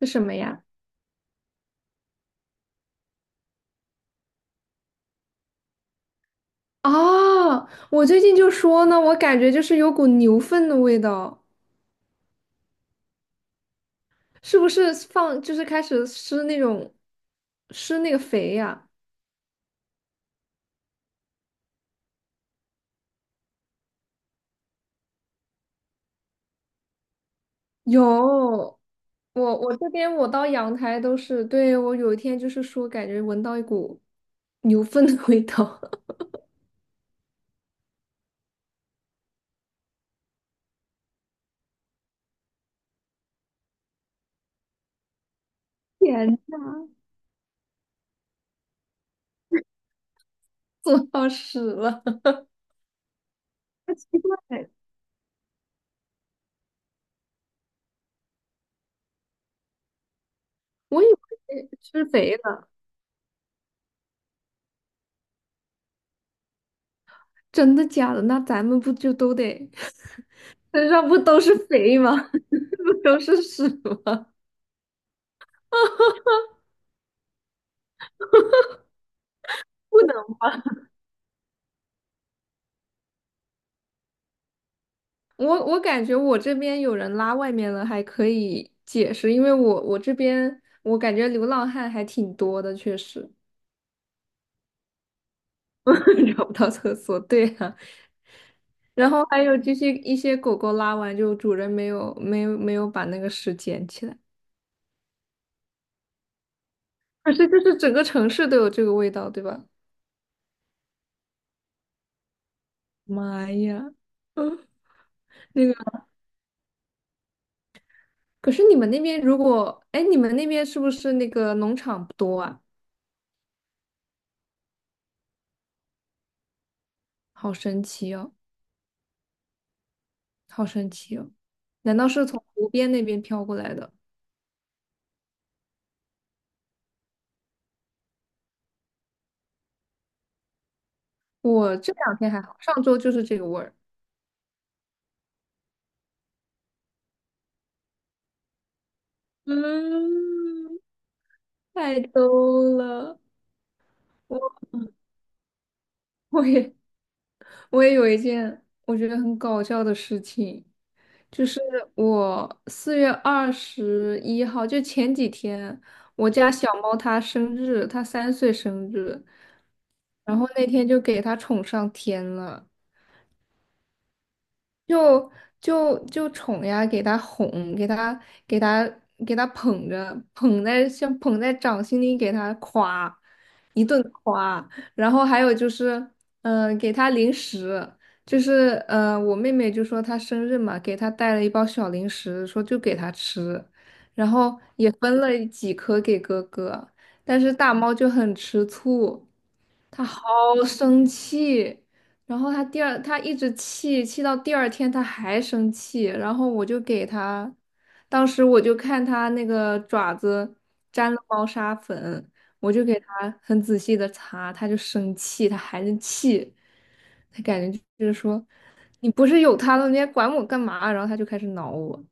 是什么呀？哦，我最近就说呢，我感觉就是有股牛粪的味道，是不是就是开始施那个肥呀？有，我这边我到阳台都是，对，我有一天就是说感觉闻到一股牛粪的味道，天，做到屎了，奇怪，我以为施肥了，真的假的？那咱们不就都得 身上不都是肥吗？不都是屎吗？不能。我感觉我这边有人拉外面了，还可以解释，因为我这边我感觉流浪汉还挺多的，确实 找不到厕所。对啊，然后还有就是一些狗狗拉完就主人没有把那个屎捡起来，可是就是整个城市都有这个味道，对吧？妈呀，那个可是你们那边是不是那个农场不多啊？好神奇哦，好神奇哦，难道是从湖边那边飘过来的？我这两天还好，上周就是这个味儿。嗯，太逗了。我我也我也有一件我觉得很搞笑的事情，就是我4月21日，就前几天，我家小猫它生日，它3岁生日，然后那天就给它宠上天了。就就宠呀，给他哄，给他给他捧着，像捧在掌心里，给他夸，一顿夸。然后还有就是，给他零食，就是我妹妹就说她生日嘛，给她带了一包小零食，说就给她吃，然后也分了几颗给哥哥，但是大猫就很吃醋。他好生气，然后他第二，他一直气，气到第二天他还生气，然后我就给他，当时我就看他那个爪子沾了猫砂粉，我就给他很仔细的擦，他就生气，他还是气，他感觉就是说，你不是有他了，你还管我干嘛？然后他就开始挠我，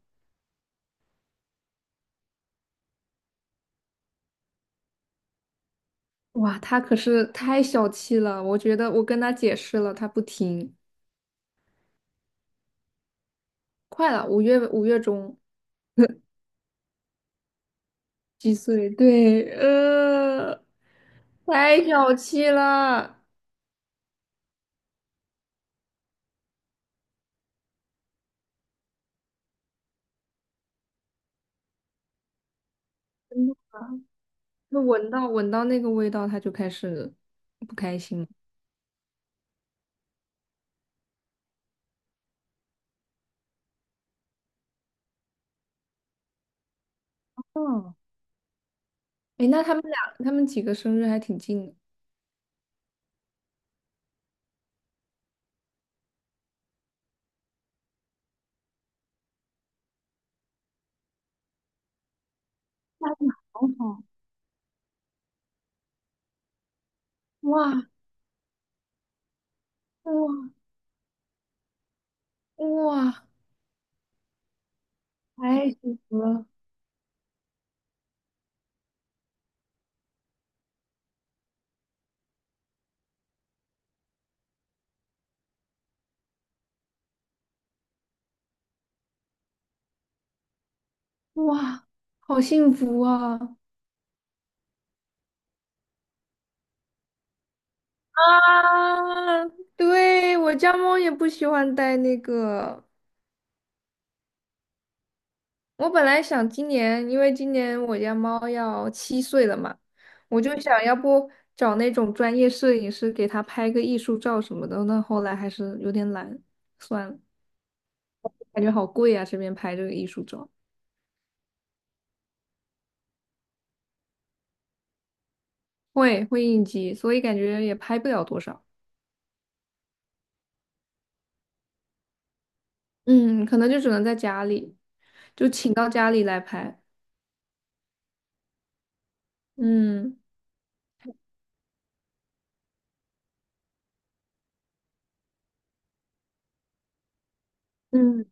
哇，他可是太小气了，我觉得我跟他解释了，他不听，快了，五月中。几岁？对，太小气了。就闻到那个味道，他就开始。嗯，哎，那他们俩，他们几个生日还挺近的。那你好好，哇哇哇，太幸福了哇，好幸福啊！啊！啊，对，我家猫也不喜欢戴那个。我本来想今年，因为今年我家猫要7岁了嘛，我就想要不找那种专业摄影师给它拍个艺术照什么的。那后来还是有点懒，算了，感觉好贵啊，这边拍这个艺术照，会应急，所以感觉也拍不了多少。嗯，可能就只能在家里，就请到家里来拍。嗯嗯，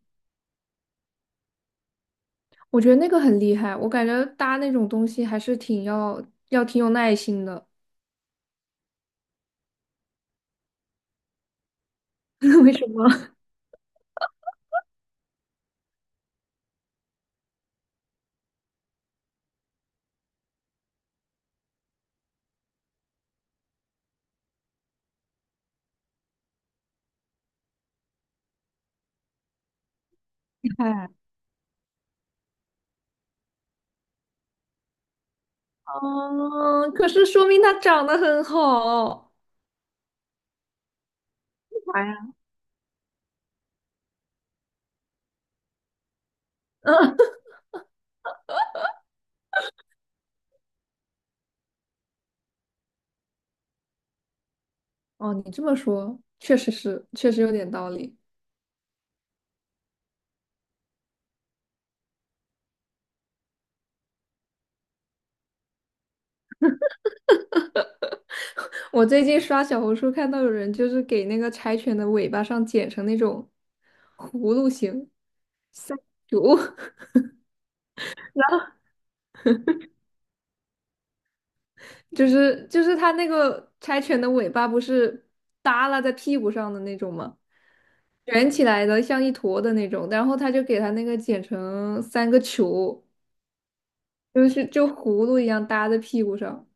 我觉得那个很厉害，我感觉搭那种东西还是要挺有耐心的。为什么？哎哦，可是说明它长得很好。哎呀，嗯哦，你这么说，确实是，确实有点道理。我最近刷小红书看到有人就是给那个柴犬的尾巴上剪成那种葫芦形，哟，就是它那个柴犬的尾巴不是耷拉在屁股上的那种吗？卷起来的像一坨的那种，然后他就给它那个剪成三个球，就葫芦一样搭在屁股上。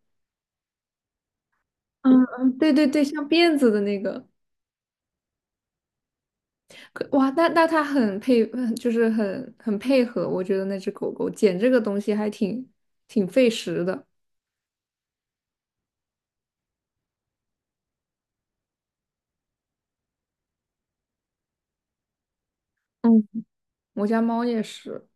嗯嗯，对对对，像辫子的那个，可哇，那它很配，很就是很很配合。我觉得那只狗狗剪这个东西还挺费时的。嗯，我家猫也是，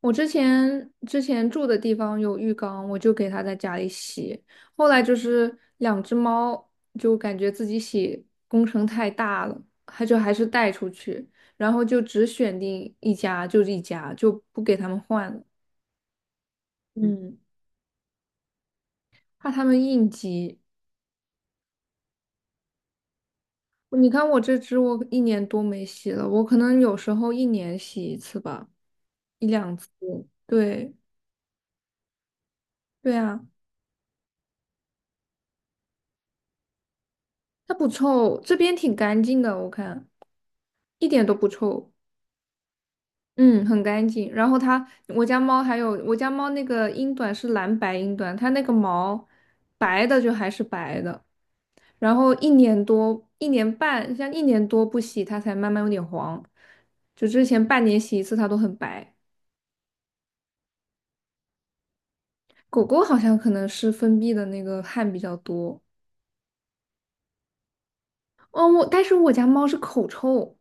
我之前住的地方有浴缸，我就给它在家里洗。后来就是两只猫就感觉自己洗工程太大了，它就还是带出去，然后就只选定一家就是一家，就不给它们换了。嗯，怕它们应激。你看我这只，我一年多没洗了，我可能有时候一年洗一次吧，一两次。对，对啊，它不臭，这边挺干净的，我看一点都不臭，嗯，很干净。然后我家猫那个英短是蓝白英短，它那个毛白的就还是白的，然后一年多、一年半，像一年多不洗，它才慢慢有点黄，就之前半年洗一次，它都很白。狗狗好像可能是分泌的那个汗比较多。哦，但是我家猫是口臭，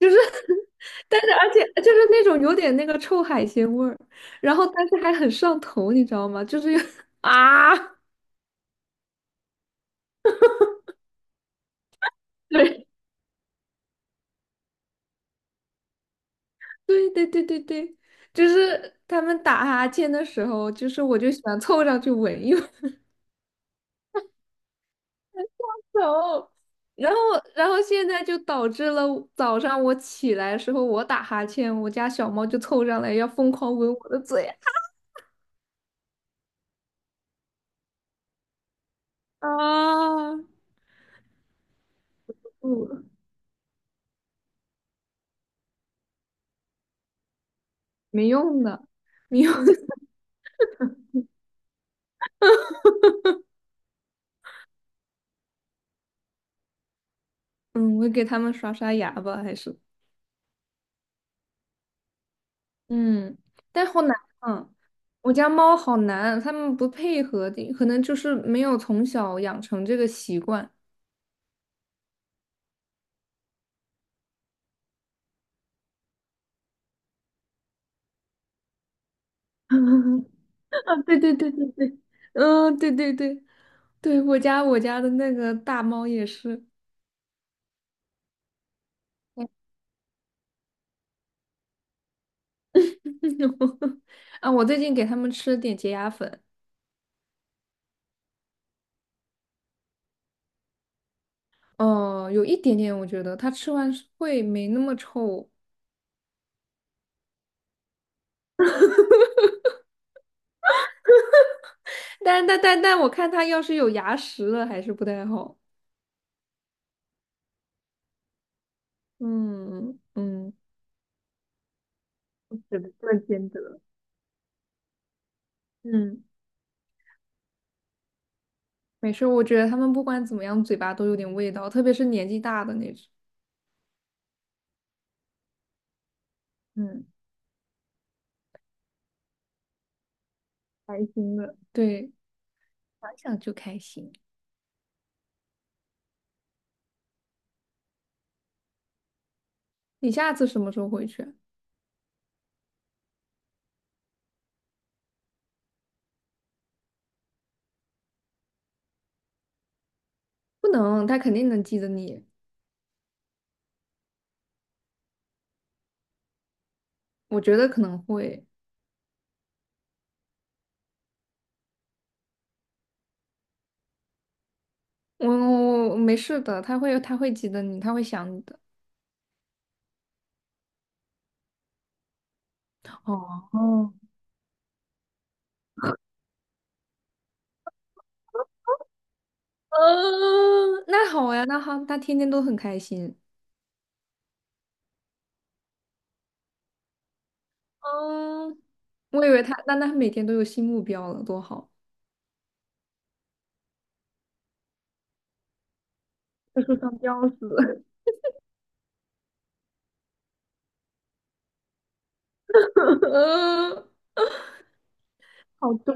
就是 但是而且就是那种有点那个臭海鲜味儿，然后但是还很上头，你知道吗？就是有 啊，对对对对对对，就是他们打哈欠的时候，就是我就喜欢凑上去闻一闻，然后。然后，现在就导致了早上我起来的时候，我打哈欠，我家小猫就凑上来要疯狂闻我的嘴。啊，嗯，没用的，没用的。嗯，我给他们刷刷牙吧，还是嗯，但好难啊！我家猫好难，它们不配合的，可能就是没有从小养成这个习惯。啊，对对对对对，嗯，对对对对，我家的那个大猫也是，啊，我最近给它们吃了点洁牙粉，有一点点，我觉得它吃完是会没那么臭，但我看他要是有牙石了，还是不太好。嗯嗯，只这么兼得。嗯，没事，我觉得他们不管怎么样，嘴巴都有点味道，特别是年纪大的那种。嗯，开心的。对，想想就开心。你下次什么时候回去啊？不能，他肯定能记得你。我觉得可能会，我没事的，他会记得你，他会想你的。哦，哦，嗯，那好呀，那好，他天天都很开心。嗯，我以为他，那他每天都有新目标了，多好！要吊死，嗯，好逗，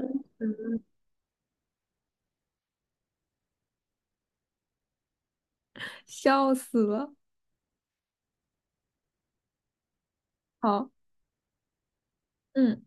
笑死了。好，嗯。